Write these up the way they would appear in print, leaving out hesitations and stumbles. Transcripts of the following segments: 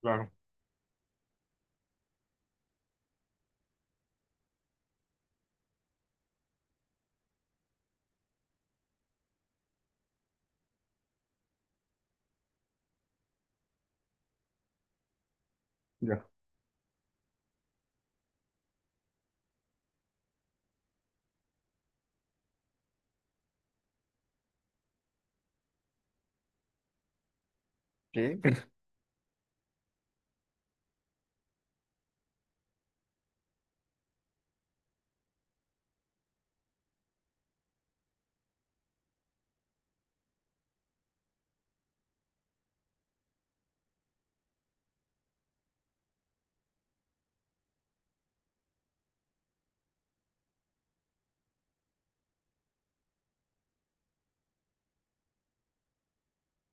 Claro, ya. ¿Qué?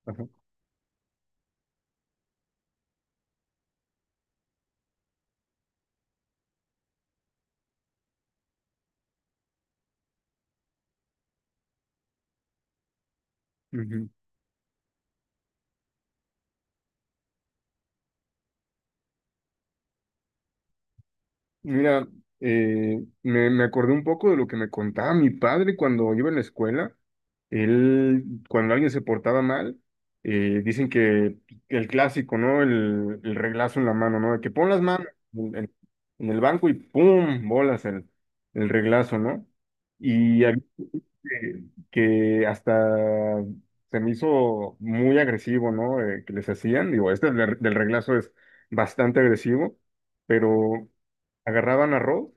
Ajá, ujú. Mira, me acordé un poco de lo que me contaba mi padre cuando iba en la escuela. Él, cuando alguien se portaba mal, dicen que el clásico, ¿no? El reglazo en la mano, ¿no? De que pon las manos en, en- en el banco y ¡pum! Bolas el reglazo, ¿no? Y había eh, que hasta se me hizo muy agresivo, ¿no? Que les hacían, digo, este del reglazo es bastante agresivo, pero agarraban arroz,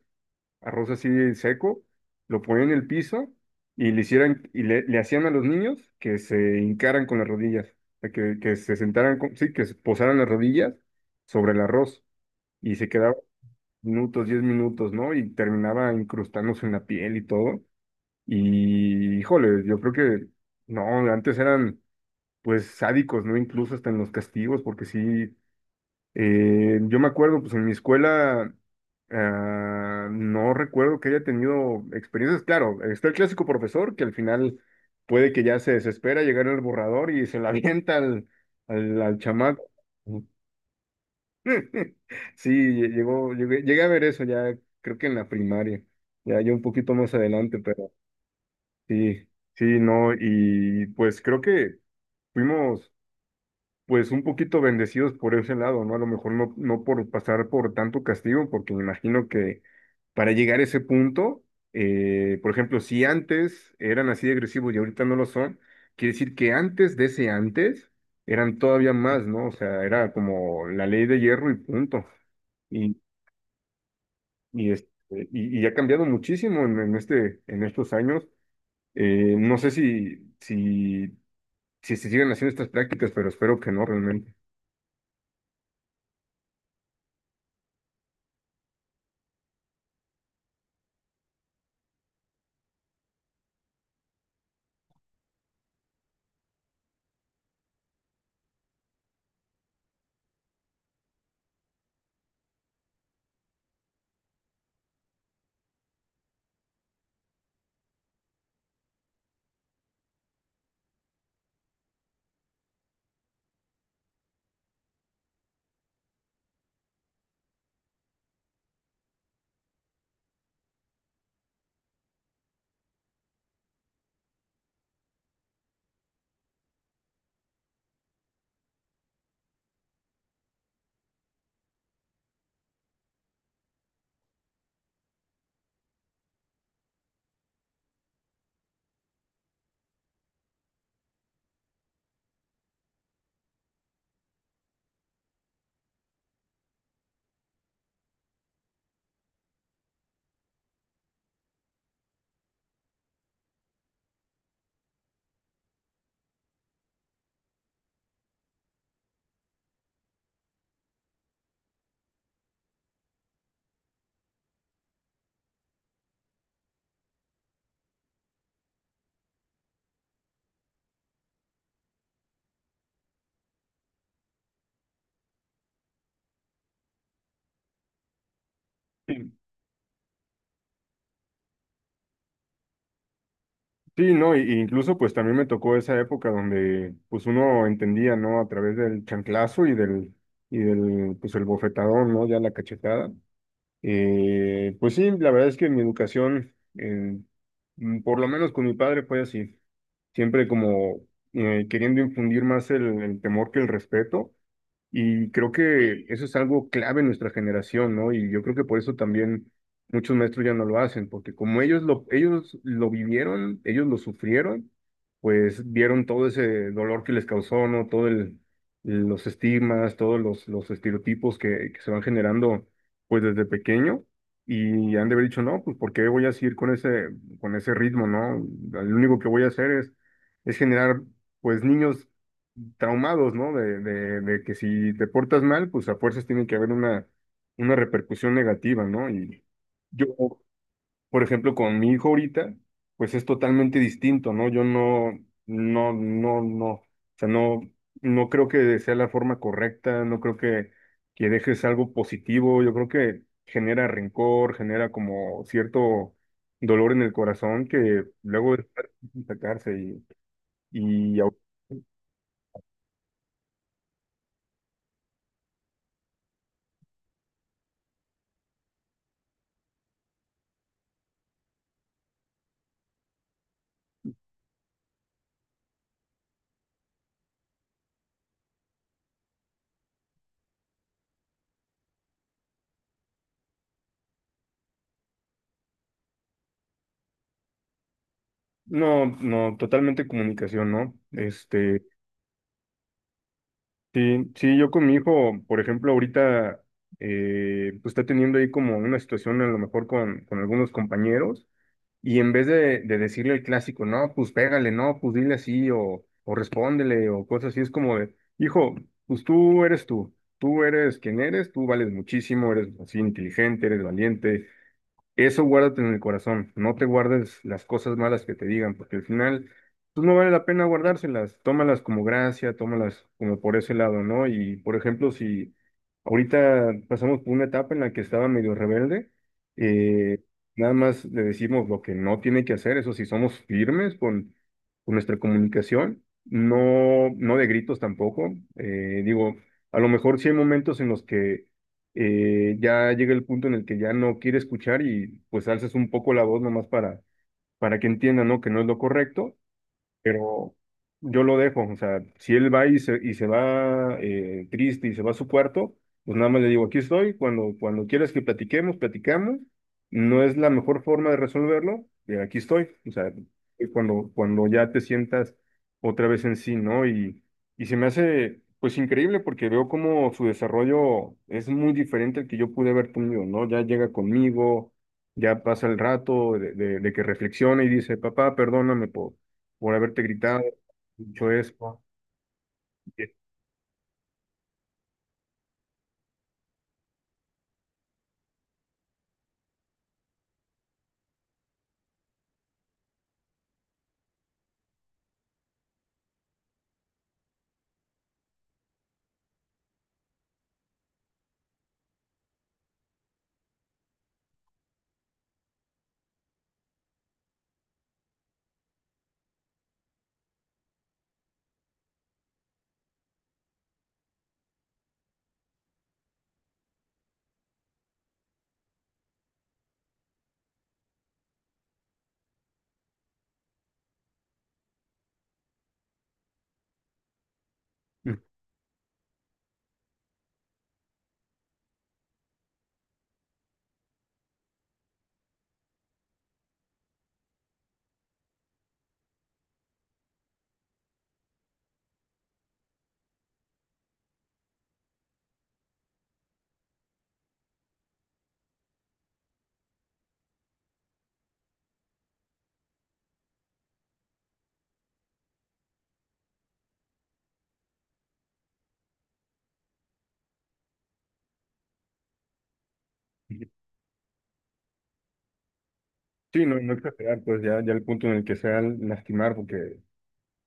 arroz así seco, lo ponían en el piso y le hicieran, y le hacían a los niños que se hincaran con las rodillas, o sea, que se sentaran, sí, que se posaran las rodillas sobre el arroz y se quedaban diez minutos, ¿no? Y terminaba incrustándose en la piel y todo. Y, híjole, yo creo que, no, antes eran, pues, sádicos, ¿no? Incluso hasta en los castigos, porque sí, yo me acuerdo, pues, en mi escuela, ah, no recuerdo que haya tenido experiencias, claro, está el clásico profesor que al final puede que ya se desespera, llegar al borrador y se la avienta al, al chamaco. Sí, llegué a ver eso ya, creo que en la primaria, ya, ya un poquito más adelante. Sí, sí, no, y pues creo que fuimos pues un poquito bendecidos por ese lado, ¿no? A lo mejor no, no por pasar por tanto castigo, porque me imagino que para llegar a ese punto, por ejemplo, si antes eran así de agresivos y ahorita no lo son, quiere decir que antes de ese antes eran todavía más, ¿no? O sea, era como la ley de hierro y punto. Y, y, este, y ha cambiado muchísimo en estos años. No sé si, si se siguen haciendo estas prácticas, pero espero que no realmente. Sí, sí, no, y incluso pues también me tocó esa época donde pues uno entendía, ¿no? A través del chanclazo y del, pues el bofetadón, ¿no? Ya la cachetada. Pues sí, la verdad es que mi educación, por lo menos con mi padre fue así, siempre como queriendo infundir más el temor que el respeto. Y creo que eso es algo clave en nuestra generación, ¿no? Y yo creo que por eso también muchos maestros ya no lo hacen, porque como ellos lo vivieron, ellos lo sufrieron, pues vieron todo ese dolor que les causó, ¿no? Los estigmas, todos los estereotipos que se van generando, pues desde pequeño, y han de haber dicho, no, pues ¿por qué voy a seguir con ese ritmo, ¿no? Lo único que voy a hacer es generar, pues, niños traumados, ¿no? De que si te portas mal, pues a fuerzas tiene que haber una repercusión negativa, ¿no? Y yo, por ejemplo, con mi hijo ahorita, pues es totalmente distinto, ¿no? Yo no, no, no, no, o sea, no, no creo que sea la forma correcta, no creo que dejes algo positivo, yo creo que genera rencor, genera como cierto dolor en el corazón que luego es sacarse. y, y No, no, totalmente comunicación, ¿no? Sí, sí, yo con mi hijo, por ejemplo, ahorita, pues está teniendo ahí como una situación a lo mejor con algunos compañeros, y en vez de decirle el clásico, no, pues pégale, no, pues dile así, o respóndele, o cosas así, es como de, hijo, pues tú eres tú, tú eres quien eres, tú vales muchísimo, eres así inteligente, eres valiente, eso guárdate en el corazón, no te guardes las cosas malas que te digan, porque al final, pues no vale la pena guardárselas, tómalas como gracia, tómalas como por ese lado, ¿no? Y por ejemplo, si ahorita pasamos por una etapa en la que estaba medio rebelde, eh, nada más le decimos lo que no tiene que hacer, eso sí, somos firmes con nuestra comunicación, no, no de gritos tampoco, digo, a lo mejor sí hay momentos en los que ya llega el punto en el que ya no quiere escuchar y pues alzas un poco la voz nomás para que entienda, ¿no? Que no es lo correcto, pero yo lo dejo, o sea, si él va y se va triste y se va a su cuarto, pues nada más le digo, aquí estoy, cuando, cuando quieras que platiquemos, platicamos, no es la mejor forma de resolverlo, aquí estoy, o sea, cuando ya te sientas otra vez en sí, ¿no? Y se me hace, pues increíble porque veo como su desarrollo es muy diferente al que yo pude haber tenido, ¿no? Ya llega conmigo. Ya pasa el rato de que reflexiona y dice, papá, perdóname por haberte gritado, dicho eso. Sí, no, no exagerar, pues ya, ya el punto en el que sea lastimar, porque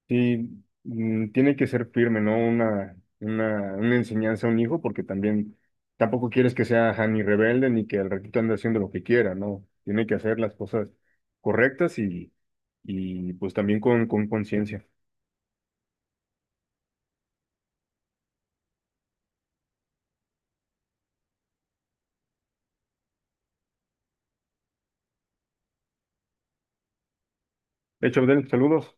sí, mm, tiene que ser firme, ¿no? Una enseñanza a un hijo, porque también tampoco quieres que sea ajá, ni rebelde ni que al ratito ande haciendo lo que quiera, ¿no? Tiene que hacer las cosas correctas y pues también con conciencia. De hecho, Abdel, saludos.